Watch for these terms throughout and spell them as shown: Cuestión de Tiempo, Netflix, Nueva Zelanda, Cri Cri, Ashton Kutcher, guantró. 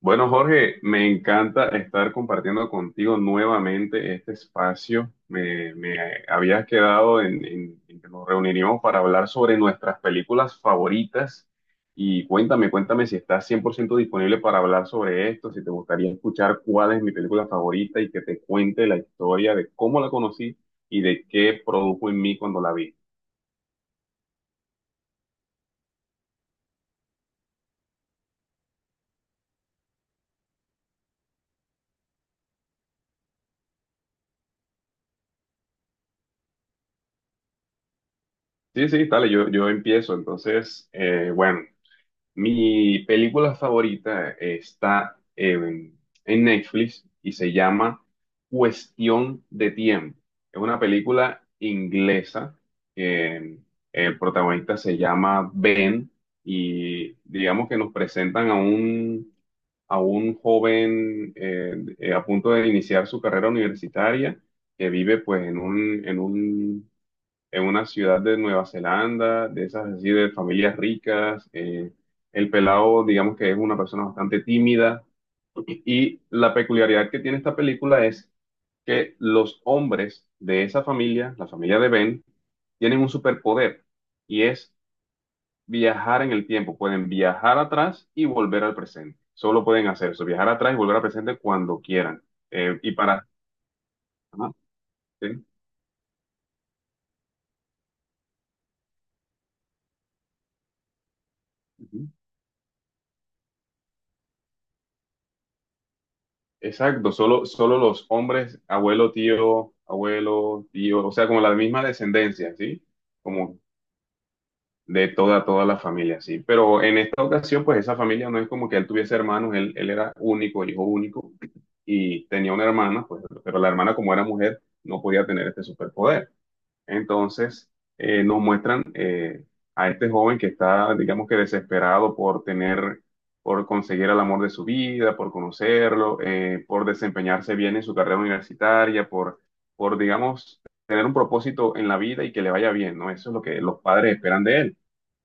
Bueno, Jorge, me encanta estar compartiendo contigo nuevamente este espacio. Me habías quedado en que nos reuniríamos para hablar sobre nuestras películas favoritas. Y cuéntame, cuéntame si estás 100% disponible para hablar sobre esto, si te gustaría escuchar cuál es mi película favorita y que te cuente la historia de cómo la conocí y de qué produjo en mí cuando la vi. Sí, sí, dale, yo empiezo. Entonces, bueno. Mi película favorita está en Netflix y se llama Cuestión de Tiempo. Es una película inglesa que el protagonista se llama Ben y digamos que nos presentan a a un joven a punto de iniciar su carrera universitaria que vive pues en un, en un en una ciudad de Nueva Zelanda, de esas así de familias ricas. El pelado, digamos que es una persona bastante tímida. Y la peculiaridad que tiene esta película es que los hombres de esa familia, la familia de Ben, tienen un superpoder y es viajar en el tiempo. Pueden viajar atrás y volver al presente. Solo pueden hacer eso, viajar atrás y volver al presente cuando quieran. Y para... Ajá, sí, ujú. Exacto, solo, solo los hombres, abuelo, tío, o sea, como la misma descendencia, ¿sí? Como de toda, toda la familia, ¿sí? Pero en esta ocasión, pues esa familia no es como que él tuviese hermanos, él era único, hijo único, y tenía una hermana, pues, pero la hermana como era mujer, no podía tener este superpoder. Entonces, nos muestran a este joven que está, digamos que desesperado por tener, por conseguir el amor de su vida, por conocerlo, por desempeñarse bien en su carrera universitaria, por, digamos, tener un propósito en la vida y que le vaya bien, ¿no? Eso es lo que los padres esperan de él.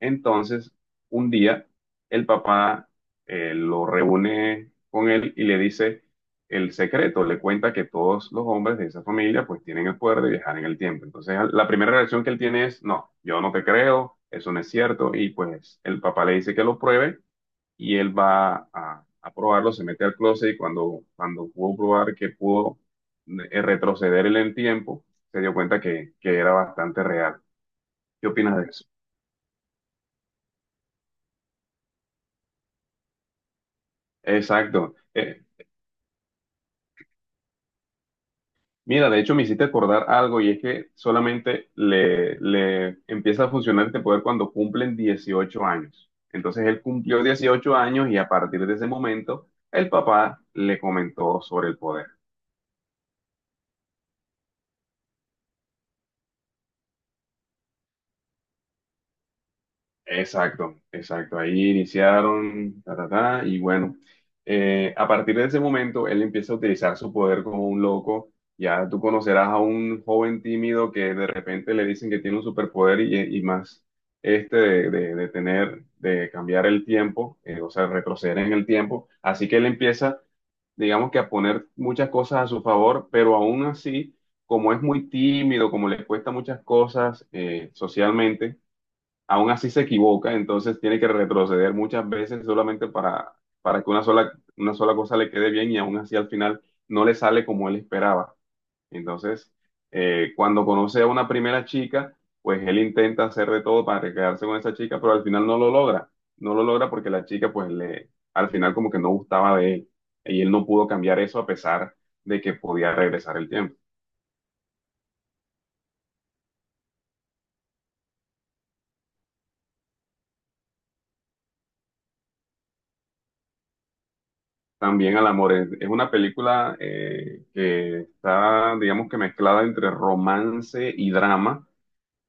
Entonces, un día, el papá lo reúne con él y le dice el secreto, le cuenta que todos los hombres de esa familia pues tienen el poder de viajar en el tiempo. Entonces, la primera reacción que él tiene es, no, yo no te creo, eso no es cierto, y pues el papá le dice que lo pruebe y él va a probarlo, se mete al closet y cuando, cuando pudo probar que pudo retroceder en el tiempo, se dio cuenta que era bastante real. ¿Qué opinas de eso? Exacto. Mira, de hecho me hiciste acordar algo y es que solamente le empieza a funcionar este poder cuando cumplen 18 años. Entonces él cumplió 18 años y a partir de ese momento el papá le comentó sobre el poder. Exacto, exacto. Ahí iniciaron, ta, ta, ta, y bueno, a partir de ese momento él empieza a utilizar su poder como un loco. Ya tú conocerás a un joven tímido que de repente le dicen que tiene un superpoder y más este de tener, de cambiar el tiempo, o sea, retroceder en el tiempo. Así que él empieza, digamos que a poner muchas cosas a su favor, pero aún así, como es muy tímido, como le cuesta muchas cosas socialmente aún así se equivoca, entonces tiene que retroceder muchas veces solamente para que una sola cosa le quede bien y aún así al final no le sale como él esperaba. Entonces, cuando conoce a una primera chica, pues él intenta hacer de todo para quedarse con esa chica, pero al final no lo logra. No lo logra porque la chica, pues le, al final como que no gustaba de él y él no pudo cambiar eso a pesar de que podía regresar el tiempo. También al amor. Es una película que está, digamos que mezclada entre romance y drama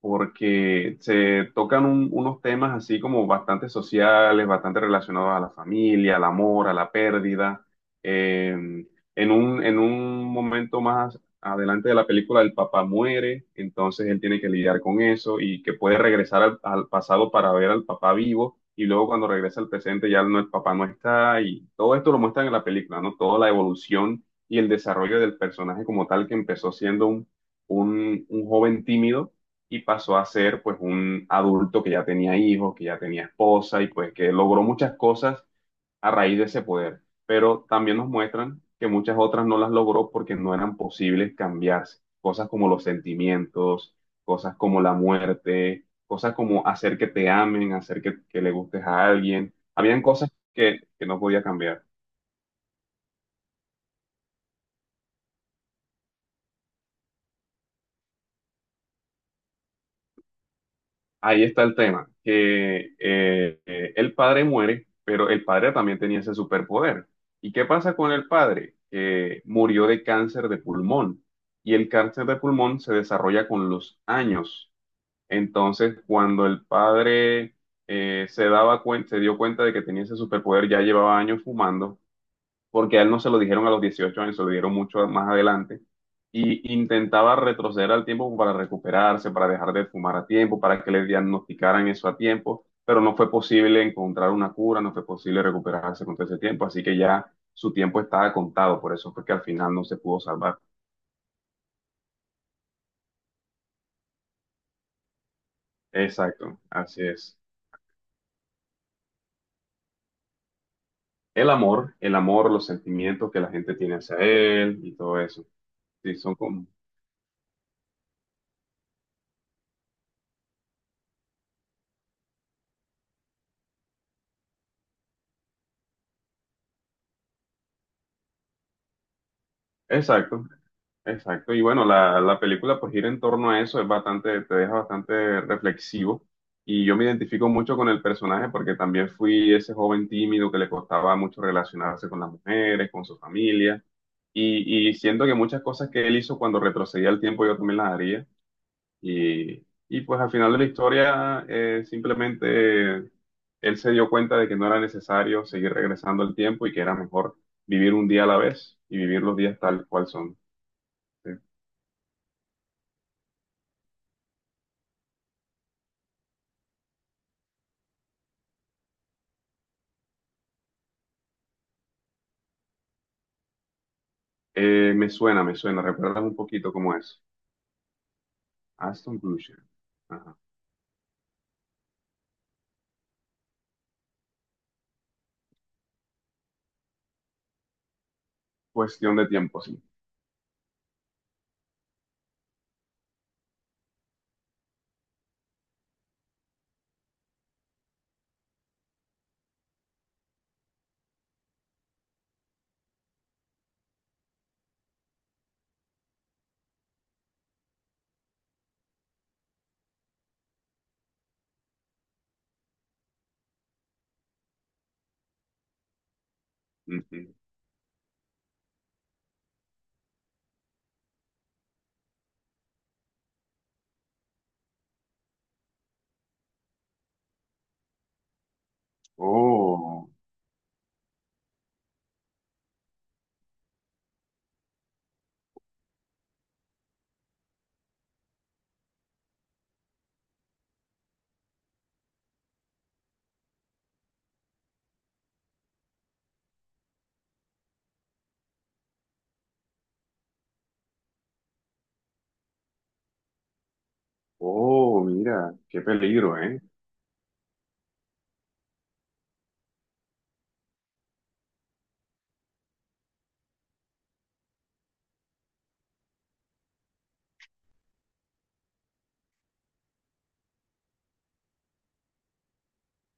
porque se tocan unos temas así como bastante sociales, bastante relacionados a la familia, al amor, a la pérdida. Eh, en en un momento más adelante de la película, el papá muere, entonces él tiene que lidiar con eso y que puede regresar al pasado para ver al papá vivo. Y luego cuando regresa al presente ya no, el papá no está y todo esto lo muestran en la película, ¿no? Toda la evolución y el desarrollo del personaje como tal que empezó siendo un joven tímido y pasó a ser pues un adulto que ya tenía hijos, que ya tenía esposa y pues que logró muchas cosas a raíz de ese poder, pero también nos muestran que muchas otras no las logró porque no eran posibles cambiarse, cosas como los sentimientos, cosas como la muerte, cosas como hacer que te amen, hacer que le gustes a alguien, habían cosas que no podía cambiar. Ahí está el tema, que el padre muere, pero el padre también tenía ese superpoder. ¿Y qué pasa con el padre? Que murió de cáncer de pulmón y el cáncer de pulmón se desarrolla con los años. Entonces, cuando el padre se se dio cuenta de que tenía ese superpoder, ya llevaba años fumando porque a él no se lo dijeron a los 18 años, se lo dieron mucho más adelante, y intentaba retroceder al tiempo para recuperarse, para dejar de fumar a tiempo, para que le diagnosticaran eso a tiempo, pero no fue posible encontrar una cura, no fue posible recuperarse con todo ese tiempo, así que ya su tiempo estaba contado, por eso fue que al final no se pudo salvar. Exacto, así es. El amor, los sentimientos que la gente tiene hacia él y todo eso. Sí, son como... Exacto, exacto, y bueno, la película pues gira en torno a eso, es bastante, te deja bastante reflexivo y yo me identifico mucho con el personaje porque también fui ese joven tímido que le costaba mucho relacionarse con las mujeres, con su familia y siento que muchas cosas que él hizo cuando retrocedía el tiempo yo también las haría y pues al final de la historia simplemente él se dio cuenta de que no era necesario seguir regresando al tiempo y que era mejor vivir un día a la vez y vivir los días tal cual son. ¿Sí? Me suena, me suena. ¿Recuerdas un poquito cómo es? Aston Kutcher. Ajá. Cuestión de tiempo, sí. Ujú. Oh, oh, mira, qué peligro, ¿eh?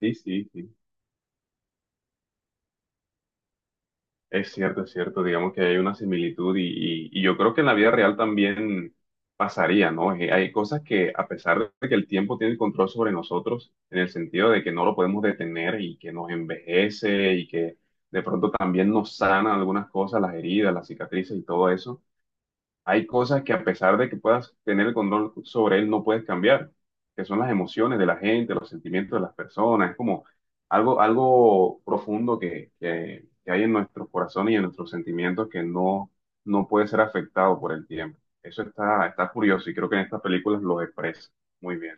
Sí, sí, sí. Es cierto, es cierto. Digamos que hay una similitud y yo creo que en la vida real también pasaría, ¿no? Hay cosas que, a pesar de que el tiempo tiene el control sobre nosotros, en el sentido de que no lo podemos detener y que nos envejece y que de pronto también nos sana algunas cosas, las heridas, las cicatrices y todo eso. Hay cosas que a pesar de que puedas tener el control sobre él, no puedes cambiar, que son las emociones de la gente, los sentimientos de las personas. Es como algo, algo profundo que hay en nuestros corazones y en nuestros sentimientos que no, no puede ser afectado por el tiempo. Eso está, está curioso y creo que en estas películas lo expresa muy bien.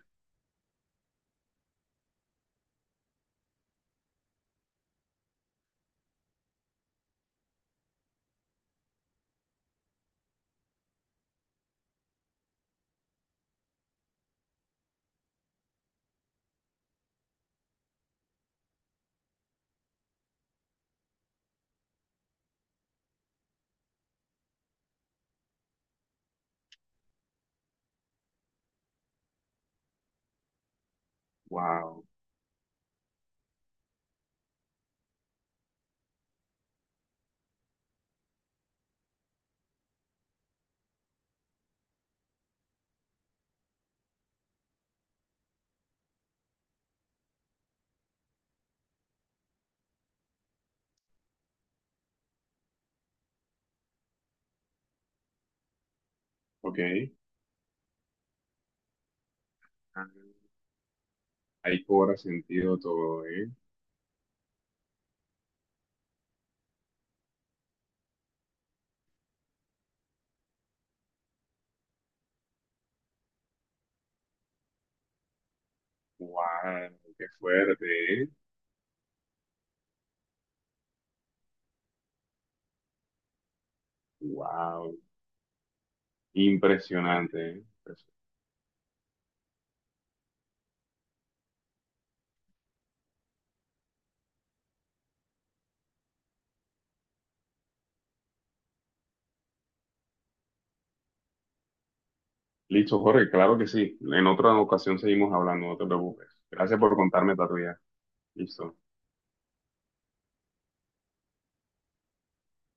Wow, ok. Ah, ahí cobra sentido todo, ¿eh? Wow, qué fuerte, ¿eh? Wow, impresionante, ¿eh? Listo, Jorge, claro que sí. En otra ocasión seguimos hablando, no te preocupes. Gracias por contarme esta tuya. Listo.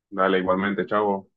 Dale, igualmente, chavo.